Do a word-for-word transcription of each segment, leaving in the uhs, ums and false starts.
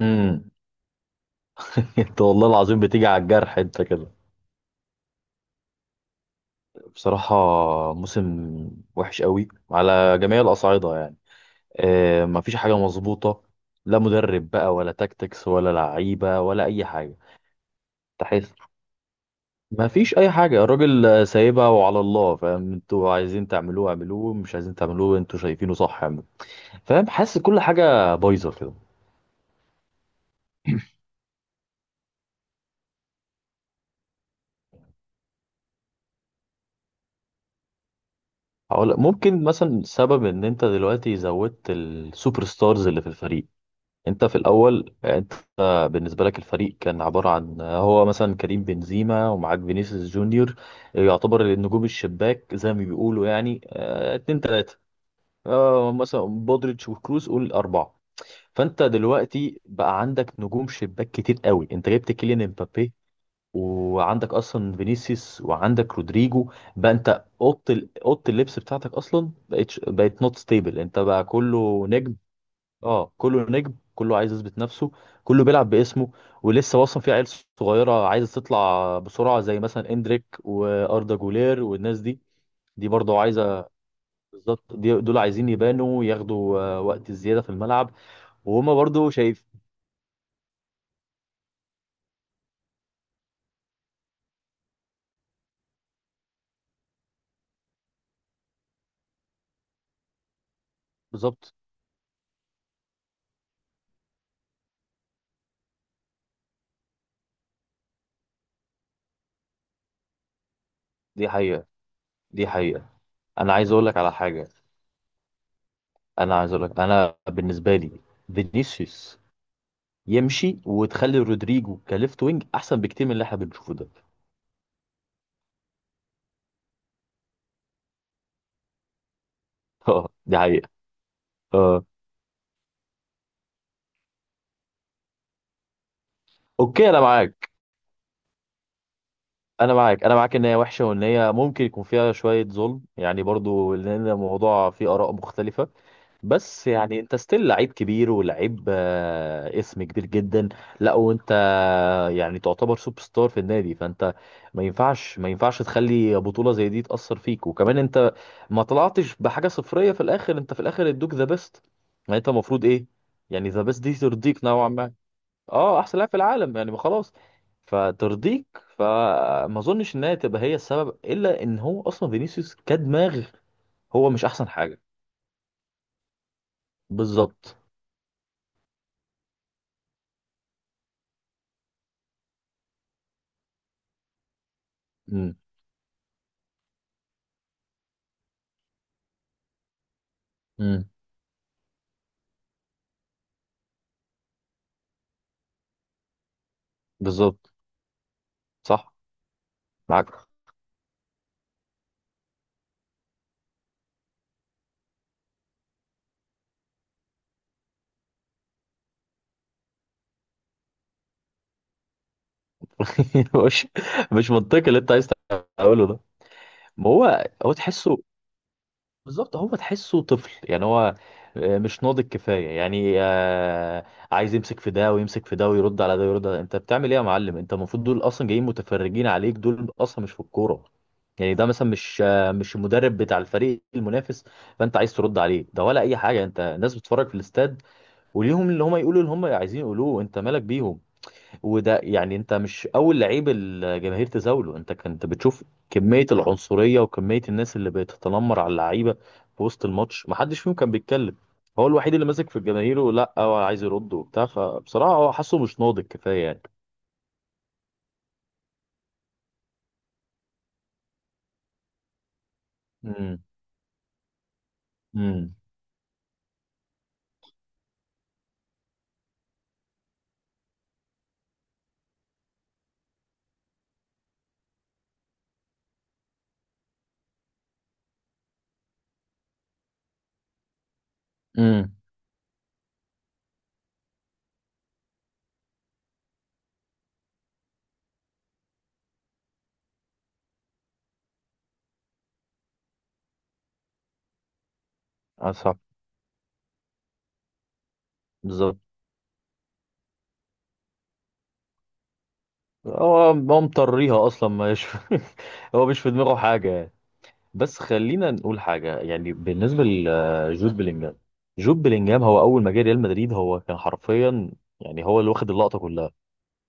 امم انت والله العظيم بتيجي على الجرح انت كده. بصراحة موسم وحش قوي على جميع الأصعدة يعني. اه، مفيش حاجة مظبوطة، لا مدرب بقى ولا تاكتكس ولا لعيبة ولا أي حاجة. تحس مفيش أي حاجة، الراجل آه، سايبها وعلى الله. فاهم، انتوا عايزين تعملوه اعملوه، مش عايزين تعملوه انتوا شايفينه صح اعملوه. فاهم، حاسس كل حاجة بايظة كده. هقول- ممكن مثلا سبب ان انت دلوقتي زودت السوبر ستارز اللي في الفريق. انت في الاول انت بالنسبه لك الفريق كان عباره عن هو مثلا كريم بنزيما ومعاك فينيسيوس جونيور، يعتبر النجوم الشباك زي ما بيقولوا، يعني آه، اتنين تلاته. آه، مثلا بودريتش وكروس قول اربعه. فانت دلوقتي بقى عندك نجوم شباك كتير قوي، انت جبت كيليان امبابي وعندك اصلا فينيسيوس وعندك رودريجو. بقى انت اوضه ال- اوضه اللبس بتاعتك اصلا بقت بقت نوت ستيبل، انت بقى كله نجم. اه، كله نجم، كله عايز يثبت نفسه، كله بيلعب باسمه. ولسه اصلا في عيال صغيره عايزه تطلع بسرعه زي مثلا اندريك واردا جولير والناس دي. دي برضه عايزه بالظبط، دي- دول عايزين يبانوا ياخدوا آه، وقت زياده في الملعب. وهما برضه شايف بالظبط. دي حقيقه، دي حقيقه. انا عايز اقول لك على حاجه، انا عايز اقول لك، انا بالنسبه لي فينيسيوس يمشي وتخلي رودريجو كليفت وينج احسن بكتير من اللي احنا بنشوفه ده. اه، دي حقيقه. اه، اوكي، انا معاك، انا معاك. انا معاك ان هي وحشه وان هي ممكن يكون فيها شويه ظلم يعني برضو، لان الموضوع فيه اراء مختلفه. بس يعني انت ستيل لعيب كبير ولعيب آه، اسم كبير جدا. لا، وانت يعني تعتبر سوبر ستار في النادي، فانت ما ينفعش ما ينفعش تخلي بطوله زي دي تاثر فيك. وكمان انت ما طلعتش بحاجه صفريه في الاخر، انت في الاخر ادوك ذا بيست. يعني انت المفروض ايه؟ يعني ذا بيست دي ترضيك نوعا ما. اه، احسن لاعب في العالم، يعني ما خلاص، فترضيك. فما اظنش انها تبقى هي السبب، الا ان هو اصلا فينيسيوس كدماغ هو مش احسن حاجه. بالظبط. امم. امم. بالظبط. صح، معاك. مش مش منطقي اللي انت عايز تقوله ده. ما هو هو تحسه، بالظبط هو تحسه طفل، يعني هو آه، مش ناضج كفايه، يعني. آه، عايز يمسك في ده ويمسك في ده ويرد على ده ويرد على ده. انت بتعمل ايه يا معلم؟ انت المفروض دول اصلا جايين متفرجين عليك، دول اصلا مش في الكوره، يعني ده مثلا مش مش المدرب بتاع الفريق المنافس فانت عايز ترد عليه ده ولا اي حاجه. انت الناس بتتفرج في الاستاد وليهم اللي هم يقولوا اللي هم عايزين يقولوه، انت مالك بيهم. وده يعني انت مش اول لعيب الجماهير تزاوله. انت كنت بتشوف كميه العنصريه وكميه الناس اللي بتتنمر على اللعيبه في وسط الماتش، ما حدش فيهم كان بيتكلم. هو الوحيد اللي ماسك في الجماهير ولا هو عايز يرد وبتاع. فبصراحه هو حاسه مش ناضج كفايه يعني. امم. امم. امم. صح، بالظبط. هو هو مطريها اصلا، ما يش... هو مش في دماغه حاجه يعني. بس خلينا نقول حاجه يعني، بالنسبه لجود بلينجهام، جود بلينجهام هو اول ما جه ريال مدريد هو كان حرفيا، يعني هو اللي واخد اللقطه كلها.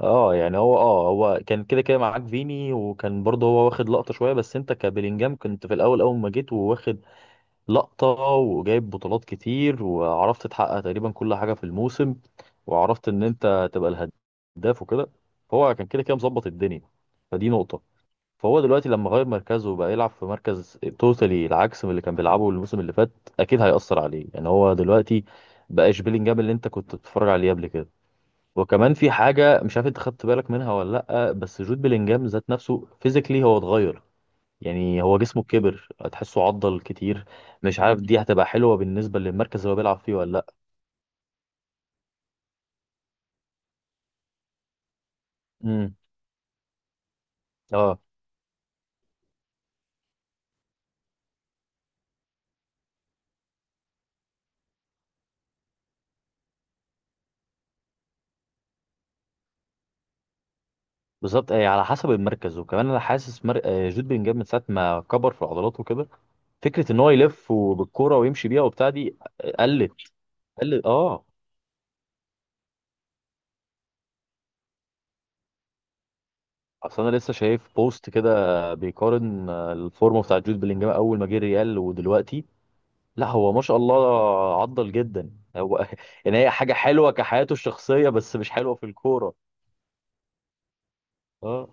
اه يعني هو، اه هو كان كده كده معاك فيني، وكان برضه هو واخد لقطه شويه. بس انت كبلينجهام كنت في الاول، اول ما جيت وواخد لقطة وجايب بطولات كتير، وعرفت تحقق تقريبا كل حاجة في الموسم، وعرفت ان انت تبقى الهداف وكده. فهو كان كده كده مظبط الدنيا، فدي نقطة. فهو دلوقتي لما غير مركزه وبقى يلعب في مركز توتالي العكس من اللي كان بيلعبه الموسم اللي فات، اكيد هيأثر عليه. يعني هو دلوقتي بقاش بيلينجهام اللي انت كنت بتتفرج عليه قبل كده. وكمان في حاجة مش عارف انت خدت بالك منها ولا لأ، بس جود بيلينجهام ذات نفسه فيزيكلي هو اتغير، يعني هو جسمه كبر، تحسه عضل كتير. مش عارف دي هتبقى حلوة بالنسبة للمركز اللي هو بيلعب فيه ولا لأ. امم، اه، بالظبط. آه، على حسب المركز. وكمان انا حاسس مر... آه، جود بلينجهام من ساعة ما كبر في عضلاته وكده، فكرة ان هو يلف بالكورة ويمشي بيها وبتاع دي قلت قلت اه. اصل انا لسه شايف بوست كده بيقارن آه، الفورمة بتاع جود بلينجهام اول ما جه ريال ودلوقتي. لا هو ما شاء الله عضل جدا هو. يعني هي حاجة حلوة كحياته الشخصية بس مش حلوة في الكورة. اه.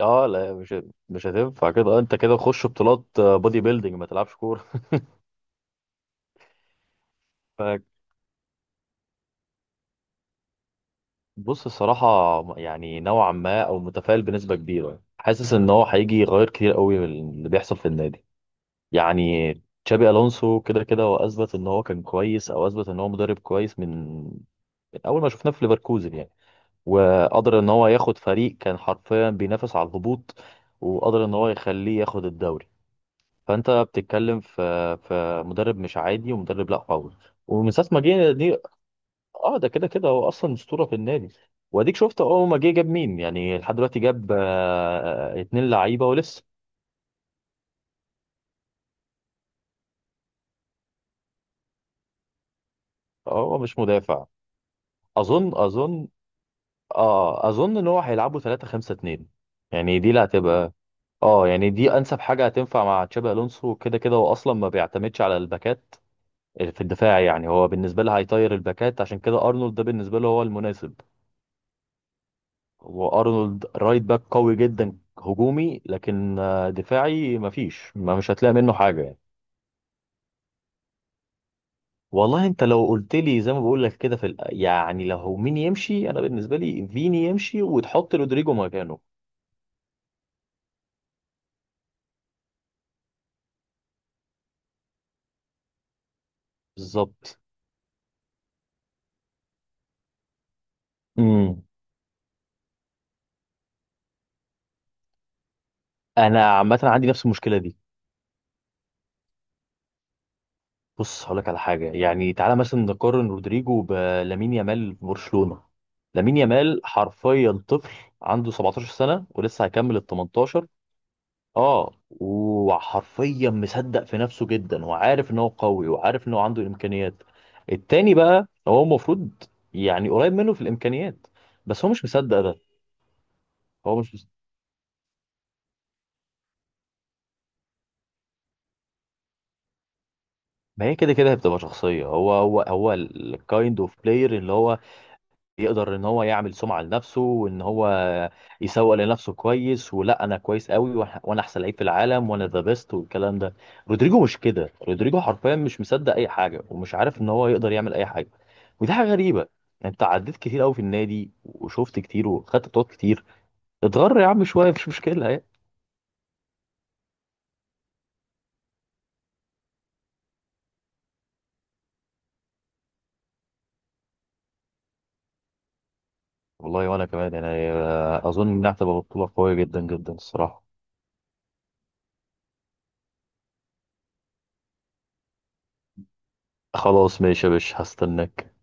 اه لا، مش مش هتنفع كده. آه، انت كده تخش بطولات آه، بودي بيلدينج، ما تلعبش كوره. فبص الصراحه، يعني نوعا ما او متفائل بنسبه كبيره يعني. حاسس ان هو هيجي يغير كتير قوي من اللي بيحصل في النادي. يعني تشابي الونسو كده كده هو اثبت ان هو كان كويس، او اثبت ان هو مدرب كويس من من اول ما شفناه في ليفركوزن يعني، وقدر ان هو ياخد فريق كان حرفيا بينافس على الهبوط وقدر ان هو يخليه ياخد الدوري. فانت بتتكلم في في مدرب مش عادي، ومدرب لا قوي ومن ساعه ما جه دي. اه، ده كده كده هو اصلا اسطوره في النادي. واديك شفت اول ما جه جاب مين، يعني لحد دلوقتي جاب آه، اتنين لعيبه ولسه. آه، هو مش مدافع، اظن. اظن اه اظن ان هو هيلعبوا ثلاثة خمسة اتنين. يعني دي اللي هتبقى، اه، يعني دي انسب حاجه هتنفع مع تشابي الونسو، كده كده هو اصلا ما بيعتمدش على الباكات في الدفاع. يعني هو بالنسبه له هيطير الباكات، عشان كده ارنولد ده بالنسبه له هو المناسب. وارنولد رايت باك قوي جدا هجومي، لكن آه، دفاعي مفيش، ما مش هتلاقي منه حاجه يعني. والله انت لو قلت لي زي ما بقول لك كده في ال... يعني لو مين يمشي، انا بالنسبه لي فيني يمشي وتحط رودريجو مكانه. بالظبط. امم. انا عامه عندي نفس المشكله دي. بص هقول لك على حاجه، يعني تعالى مثلا نقارن رودريجو بلامين يامال في برشلونه. لامين يامال حرفيا طفل، عنده سبعتاشر سنه ولسه هيكمل ال تمنتاشر. اه، وحرفيا مصدق في نفسه جدا، وعارف ان هو قوي وعارف ان هو عنده الامكانيات. التاني بقى هو المفروض يعني قريب منه في الامكانيات بس هو مش مصدق ده، هو مش مصدق. ما هي كده كده هتبقى شخصية، هو هو هو الكايند اوف بلاير اللي هو يقدر ان هو يعمل سمعة لنفسه وان هو يسوق لنفسه كويس، ولا انا كويس قوي وأح- وانا احسن لعيب في العالم وانا ذا بيست والكلام ده. رودريجو مش كده، رودريجو حرفيا مش مصدق اي حاجة ومش عارف ان هو يقدر يعمل اي حاجة. ودي حاجة غريبة، انت عديت كتير قوي في النادي وشفت كتير وخدت بطولات كتير، اتغر يا عم شوية، مش مشكلة يعني. والله وانا كمان يعني، آه، اظن انها هتبقى بطولة قوية جدا جدا الصراحة. خلاص ماشي يا باشا، هستناك.